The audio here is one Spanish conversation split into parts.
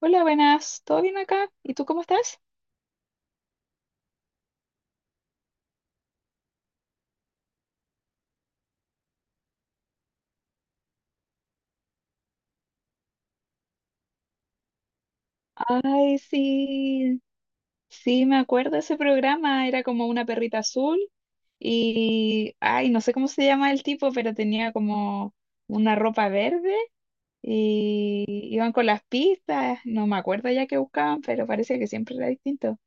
Hola, buenas, ¿todo bien acá? ¿Y tú cómo estás? Ay, sí, sí, me acuerdo de ese programa, era como una perrita azul y, ay, no sé cómo se llama el tipo, pero tenía como una ropa verde y iban con las pistas, no me acuerdo ya qué buscaban, pero parece que siempre era distinto.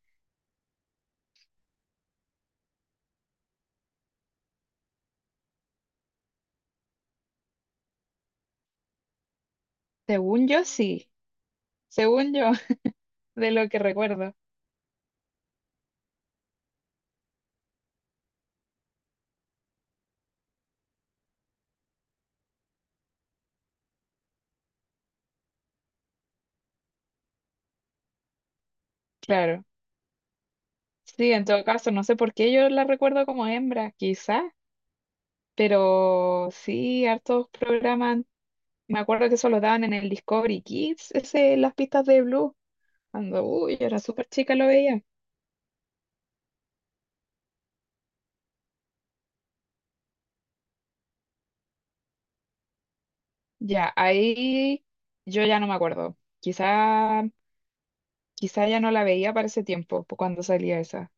Según yo, sí, según yo, de lo que recuerdo, claro. Sí, en todo caso, no sé por qué yo la recuerdo como hembra, quizá, pero sí, hartos programas. Me acuerdo que eso lo daban en el Discovery Kids, ese, las pistas de Blue. Cuando, uy, yo era súper chica, lo veía. Ya, ahí yo ya no me acuerdo. Quizá ya no la veía para ese tiempo, po, cuando salía esa.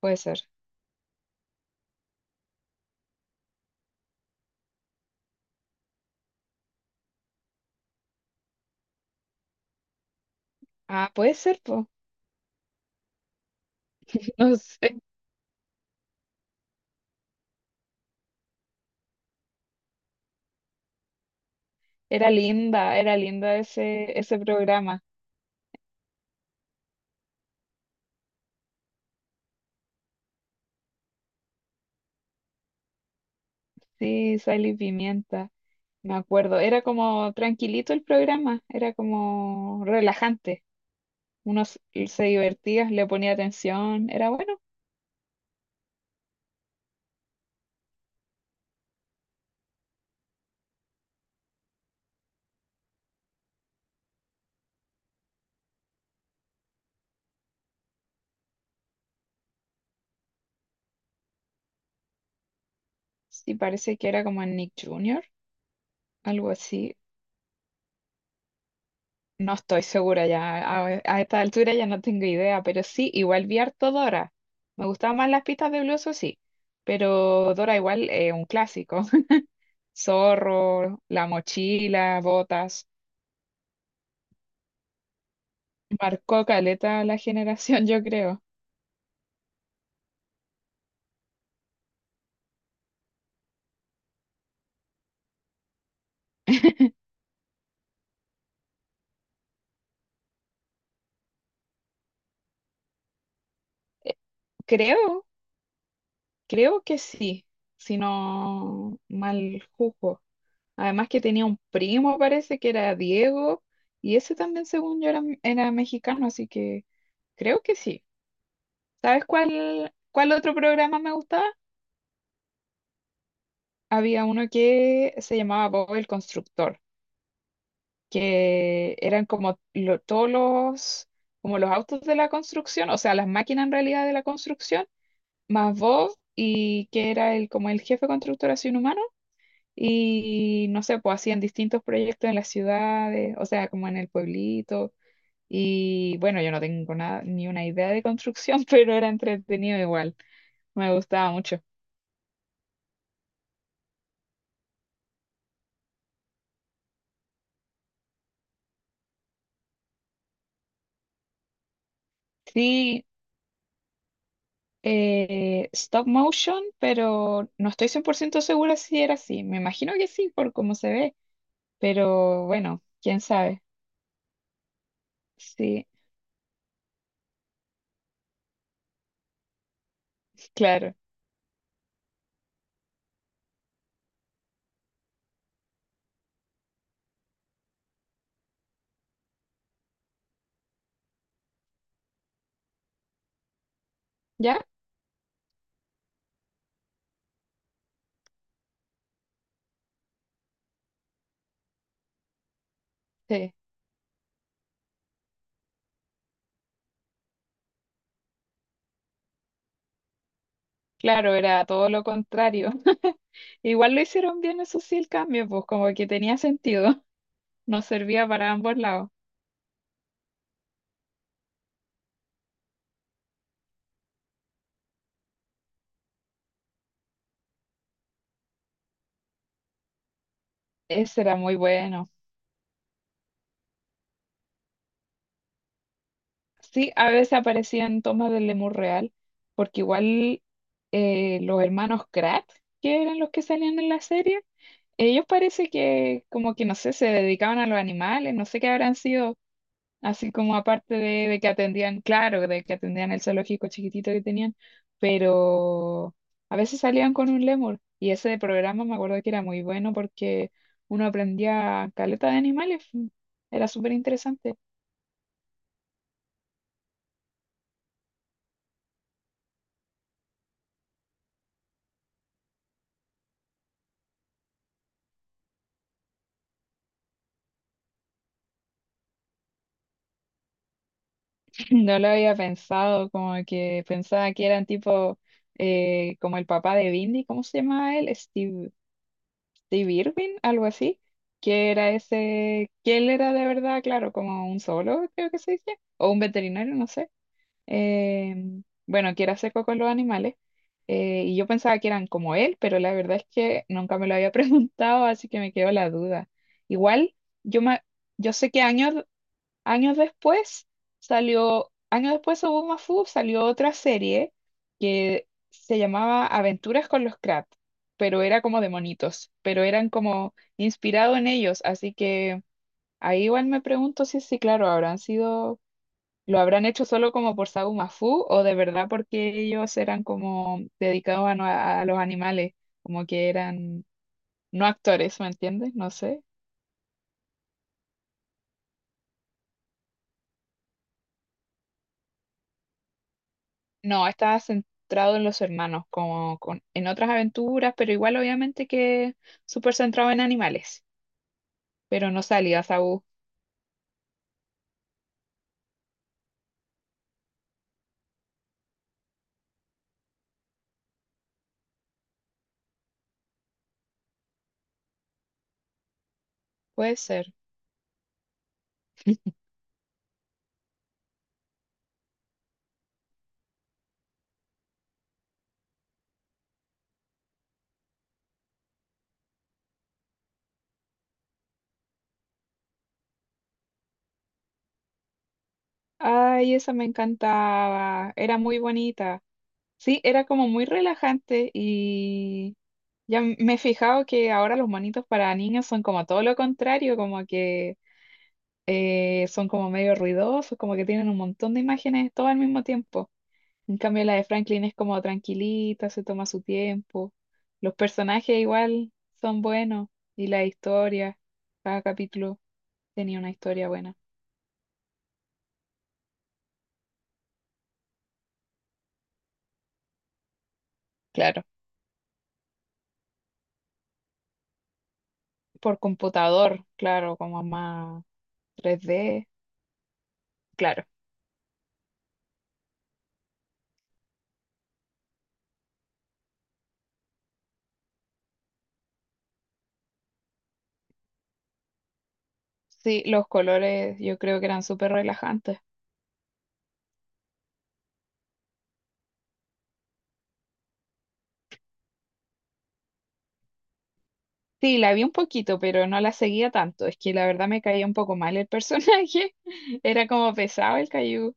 Puede ser. Ah, puede ser, pues. No sé. Era linda ese programa. Sí, Sal y Pimienta. Me acuerdo. Era como tranquilito el programa, era como relajante. Uno se divertía, le ponía atención, era bueno. Sí, parece que era como en Nick Jr., algo así. No estoy segura ya, a esta altura ya no tengo idea, pero sí, igual vi harto Dora. Me gustaban más las pistas de Blue, eso sí, pero Dora igual es un clásico. Zorro, la mochila, botas. Marcó caleta a la generación, yo creo. Creo, creo que sí, si no mal juzgo. Además que tenía un primo, parece que era Diego, y ese también, según yo, era mexicano, así que creo que sí. ¿Sabes cuál otro programa me gustaba? Había uno que se llamaba Bob el Constructor, que eran como todos los, como los autos de la construcción, o sea, las máquinas en realidad de la construcción, más Bob, y que era el, como el jefe constructor así un humano, y no sé, pues hacían distintos proyectos en las ciudades, o sea, como en el pueblito. Y bueno, yo no tengo nada, ni una idea de construcción, pero era entretenido igual. Me gustaba mucho. Sí, stop motion, pero no estoy 100% segura si era así. Me imagino que sí, por cómo se ve, pero bueno, quién sabe. Sí, claro. ¿Ya? Sí, claro, era todo lo contrario. Igual lo hicieron bien, eso sí, el cambio, pues como que tenía sentido. Nos servía para ambos lados. Ese era muy bueno. Sí, a veces aparecían tomas del Lemur real, porque igual los hermanos Kratt, que eran los que salían en la serie, ellos parece que como que no sé, se dedicaban a los animales, no sé qué habrán sido, así como aparte de que atendían, claro, de que atendían el zoológico chiquitito que tenían, pero a veces salían con un Lemur y ese de programa me acuerdo que era muy bueno porque uno aprendía caleta de animales, era súper interesante. No lo había pensado, como que pensaba que eran tipo como el papá de Bindi, ¿cómo se llamaba él? Steve, Steve Irwin, algo así, que era ese, que él era de verdad, claro, como un solo, creo que se dice, o un veterinario, no sé. Bueno, que era seco con los animales, y yo pensaba que eran como él, pero la verdad es que nunca me lo había preguntado, así que me quedó la duda. Igual, yo, me, yo sé qué año. Años después salió, años después hubo Mafu, salió otra serie que se llamaba Aventuras con los Crab, pero era como de monitos, pero eran como inspirado en ellos, así que ahí igual me pregunto si sí, claro, habrán sido, lo habrán hecho solo como por Sabu Mafu o de verdad porque ellos eran como dedicados a, a los animales, como que eran no actores, ¿me entiendes? No sé. No, estaba centrado en los hermanos, como con, en otras aventuras, pero igual obviamente que súper centrado en animales. Pero no salía, Saúl. Puede ser. Ay, esa me encantaba. Era muy bonita. Sí, era como muy relajante y ya me he fijado que ahora los monitos para niños son como todo lo contrario, como que son como medio ruidosos, como que tienen un montón de imágenes todo al mismo tiempo. En cambio, la de Franklin es como tranquilita, se toma su tiempo. Los personajes igual son buenos y la historia, cada capítulo tenía una historia buena. Claro, por computador, claro, como más 3D, claro. Sí, los colores yo creo que eran súper relajantes. Sí, la vi un poquito, pero no la seguía tanto. Es que la verdad me caía un poco mal el personaje. Era como pesado el Caillou.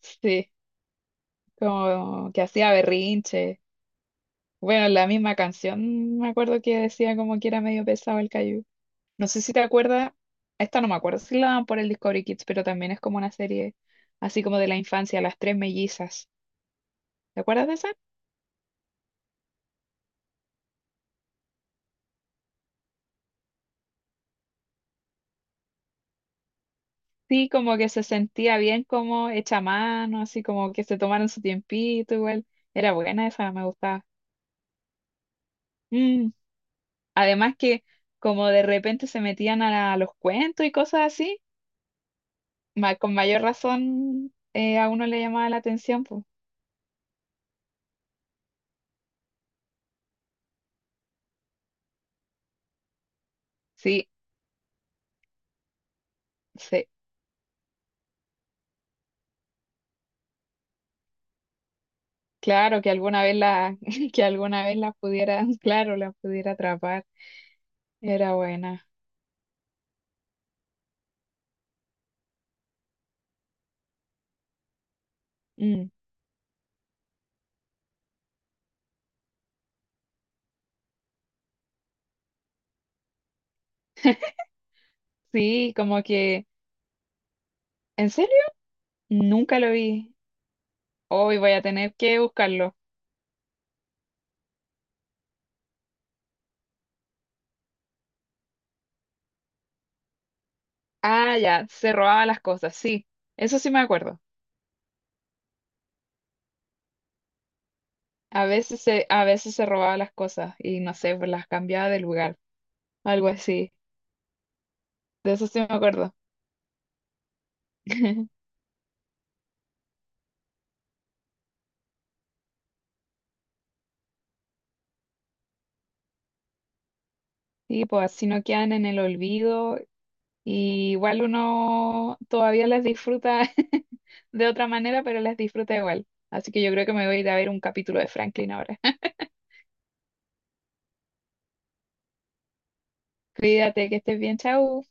Sí, como que hacía berrinche. Bueno, la misma canción me acuerdo que decía como que era medio pesado el Caillou. No sé si te acuerdas, esta no me acuerdo si la dan por el Discovery Kids, pero también es como una serie así como de la infancia, Las Tres Mellizas. ¿Te acuerdas de esa? Sí, como que se sentía bien como hecha a mano, así como que se tomaron su tiempito igual. Era buena esa, me gustaba. Mm. Además que como de repente se metían a, a los cuentos y cosas así, con mayor razón a uno le llamaba la atención, pues. Sí. Sí, claro, que alguna vez la, que alguna vez la pudiera, claro, la pudiera atrapar. Era buena. Mm. Sí, como que, ¿en serio? Nunca lo vi. Hoy voy a tener que buscarlo. Ah, ya, se robaba las cosas, sí. Eso sí me acuerdo. A veces se robaba las cosas y no sé, pues las cambiaba de lugar, algo así. De eso sí me acuerdo. Sí, pues así no quedan en el olvido. Y igual uno todavía las disfruta de otra manera, pero las disfruta igual. Así que yo creo que me voy a ir a ver un capítulo de Franklin ahora. Cuídate, que estés bien, chau.